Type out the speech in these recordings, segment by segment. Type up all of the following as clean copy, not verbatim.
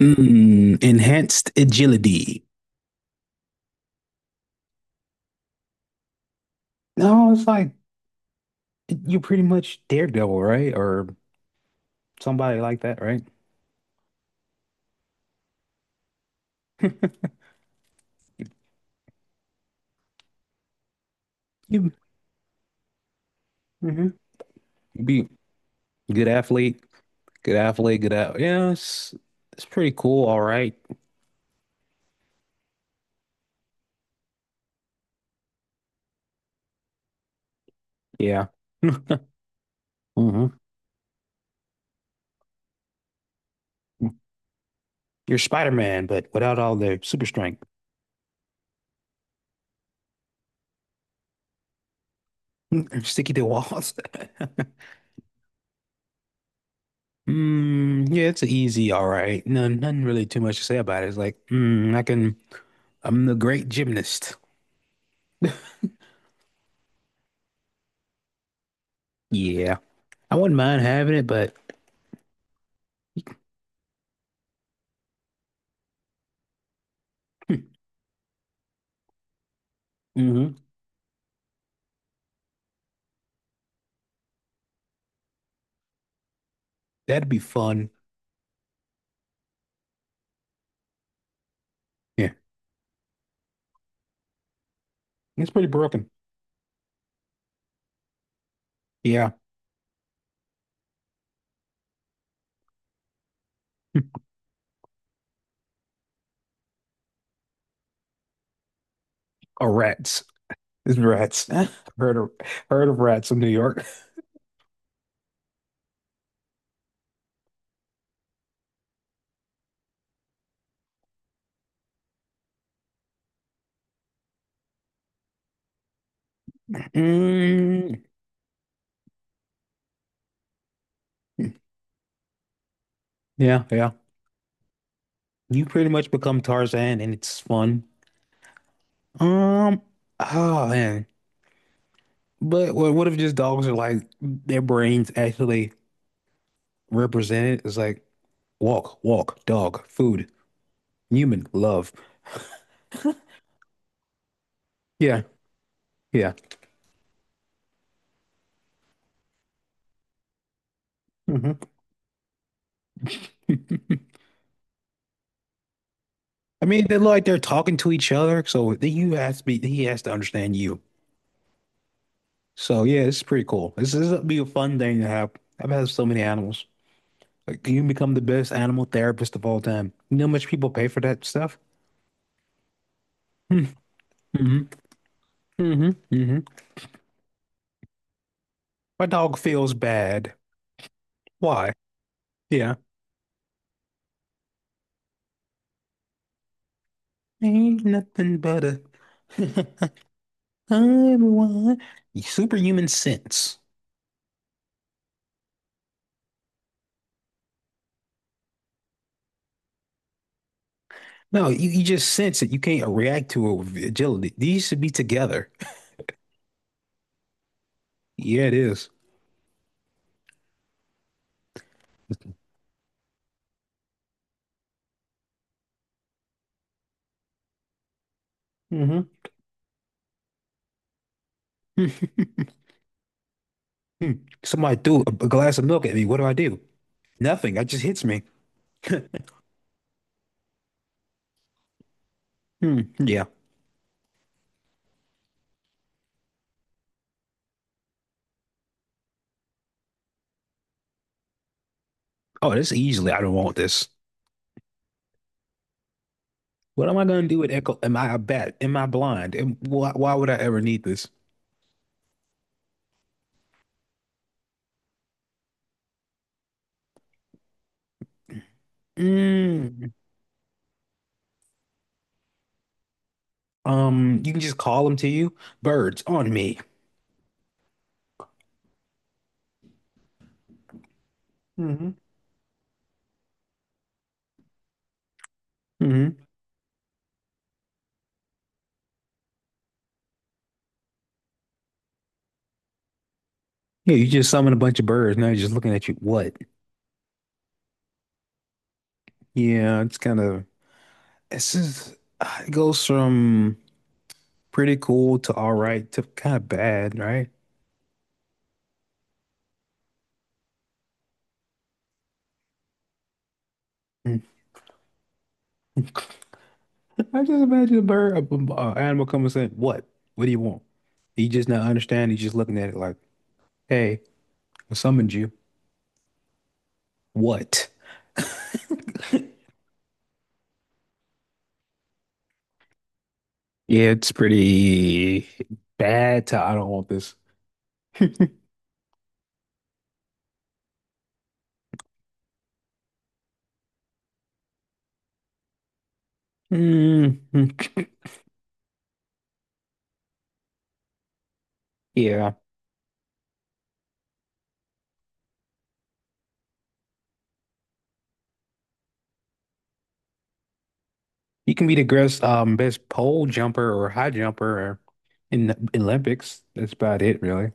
Enhanced agility. No, it's like you pretty much Daredevil, right? Or somebody like that, right? You, hmm you be good athlete, good athlete, good at. Yeah, it's pretty cool. All right. Yeah. hmm You're Spider-Man, but without all the super strength. Sticky to walls. Yeah, it's a easy, all right. No, nothing really too much to say about it. It's like, mm, I can, I'm the great gymnast. Yeah. I wouldn't mind having it, but hmm That'd be fun. Yeah, it's pretty broken. Yeah, or rats. It's rats. Heard of heard of rats in New York. Mm, yeah, yeah. You pretty much become Tarzan, and it's fun. Um, oh man. But what if just dogs are like their brains actually represented? It's like walk, walk, dog, food, human, love. Yeah, yeah. hmm I mean, they're like they're talking to each other, so you has to be he has to understand you. So yeah, it's pretty cool. This would be a fun thing to have. I've had so many animals. Like you can become the best animal therapist of all time. You know how much people pay for that stuff? Mm-hmm. hmm hmm hmm My dog feels bad. Why? Yeah. Ain't nothing but a everyone. Superhuman sense. No, you just sense it. You can't react to it with agility. These should be together. Yeah, it is. Mm-hmm. Somebody threw a glass of milk at me. What do I do? Nothing. That just hits me. Hmm. Yeah. Oh, this easily. I don't want this. What am I going to do with Echo? Am I a bat? Am I blind? And why would I ever need this? Mm. You can just call them to you. Birds on me. Hmm hmm Yeah, you just summon a bunch of birds. Now you're just looking at you. What? Yeah, it's kind of. This is. It goes from pretty cool to all right to kind of bad, right? I just imagine a animal coming saying, "What? What do you want?" He just not understanding. He's just looking at it like, "Hey, I summoned you. What?" Yeah, it's pretty bad. I don't want this. Mhm. Yeah, you can be the best, best pole jumper or high jumper or in the Olympics. That's about it, really.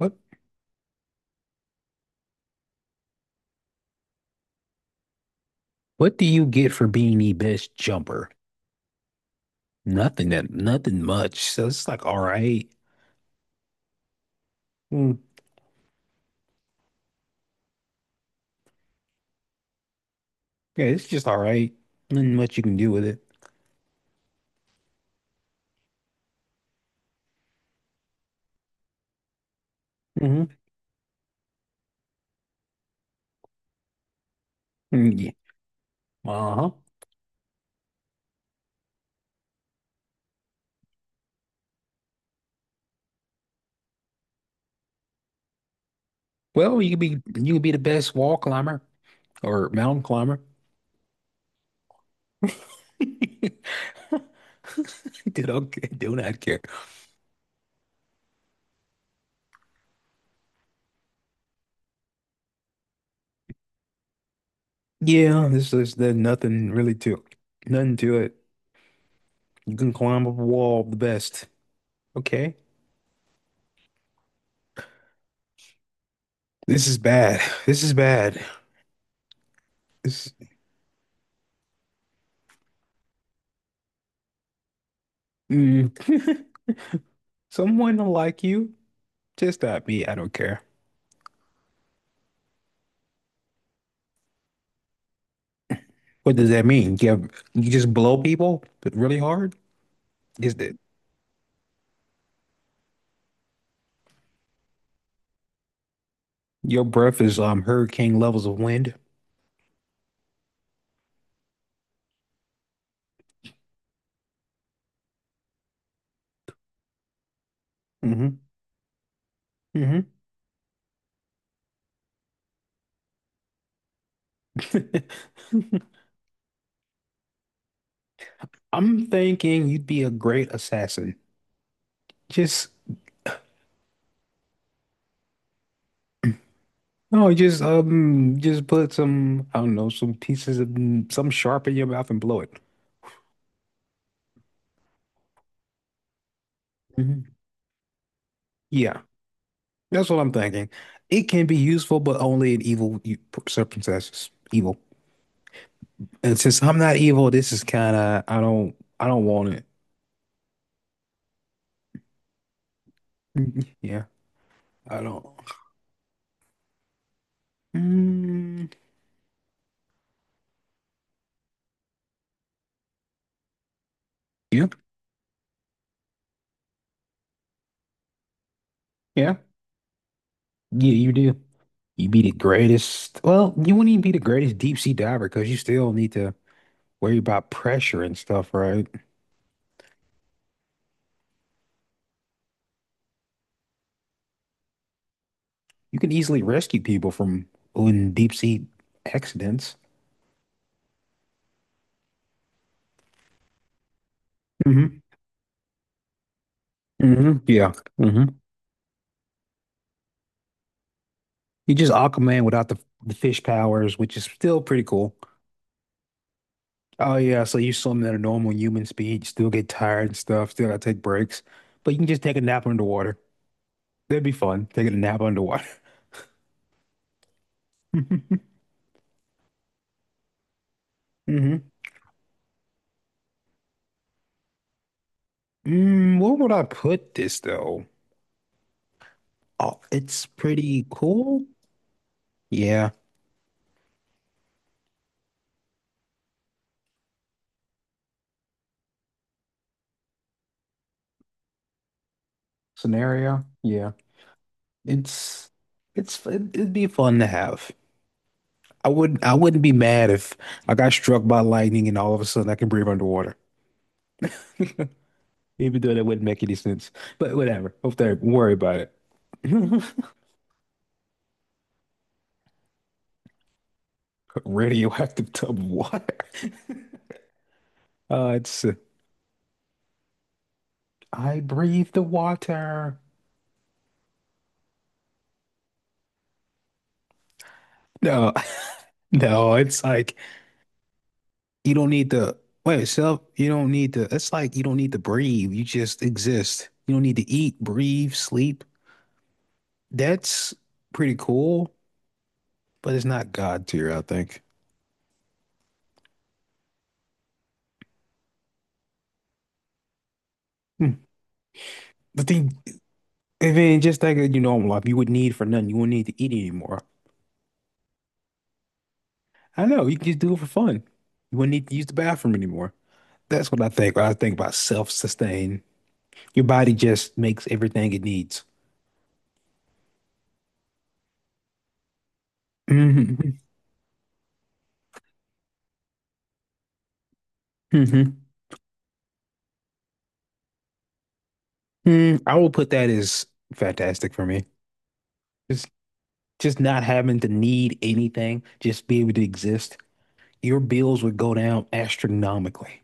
What What do you get for being the best jumper? Nothing much. So it's like, all right. Hmm. Yeah, it's just all right. Nothing much you can do with it. Hmm Mm, yeah. Uh-huh. Well, you could be the best wall climber or mountain climber. Do not do not care. Yeah, this is there's nothing really to Nothing to it. You can climb up a wall the best. Okay. This is bad. This is bad. This mm. Someone will like you, just not me. I don't care. What does that mean? You have, you just blow people really hard? Is that Your breath is hurricane levels of wind. Hmm hmm I'm thinking you'd be a great assassin. Just no, Just just put some I don't know some pieces of some sharp in your mouth and blow it. Hmm Yeah, that's what I'm thinking. It can be useful, but only in evil u- Circumstances. Evil, and since I'm not evil, this is kind of I don't want it. Mhm. Yeah, I don't. Mm, yeah, yeah, yeah. You do. You be the greatest. Well, you wouldn't even be the greatest deep sea diver because you still need to worry about pressure and stuff, right? You can easily rescue people from in deep sea accidents. Hmm hmm Yeah. hmm You just Aquaman without the fish powers, which is still pretty cool. Oh yeah, so you swim at a normal human speed, you still get tired and stuff, still gotta take breaks, but you can just take a nap underwater. That'd be fun, taking a nap underwater. hmm Mm, where would I put this though? Oh, it's pretty cool. Yeah. Scenario. Yeah. It's It'd be fun to have. I wouldn't be mad if I got struck by lightning and all of a sudden I can breathe underwater. Even though that wouldn't make any sense. But whatever. Hope they don't worry about it. Radioactive tub of water. It's I breathe the water. No, no, it's like You don't need to you don't need to, it's like you don't need to breathe. You just exist. You don't need to eat, breathe, sleep. That's pretty cool, but it's not God tier, I think. Hmm. But then, and then just like in your normal life, you would need for nothing. You wouldn't need to eat anymore. I know, you can just do it for fun. You wouldn't need to use the bathroom anymore. That's what I think. When I think about self-sustain. Your body just makes everything it needs. Hmm hmm I will put that as fantastic for me. It's Just not having to need anything, just be able to exist. Your bills would go down astronomically.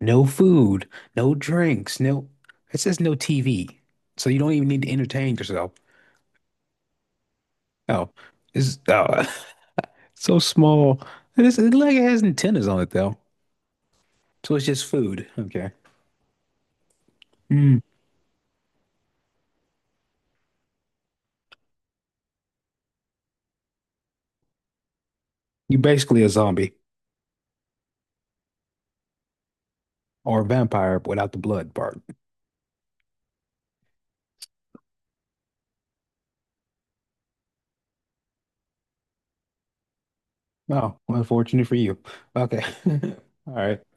No food, no drinks, no, it says no TV. So you don't even need to entertain yourself. Oh, it's Oh, so small. It like it has antennas on it though. So it's just food. Okay. Mm. You're basically a zombie or a vampire without the blood part. Oh, unfortunate for you. Okay. All right.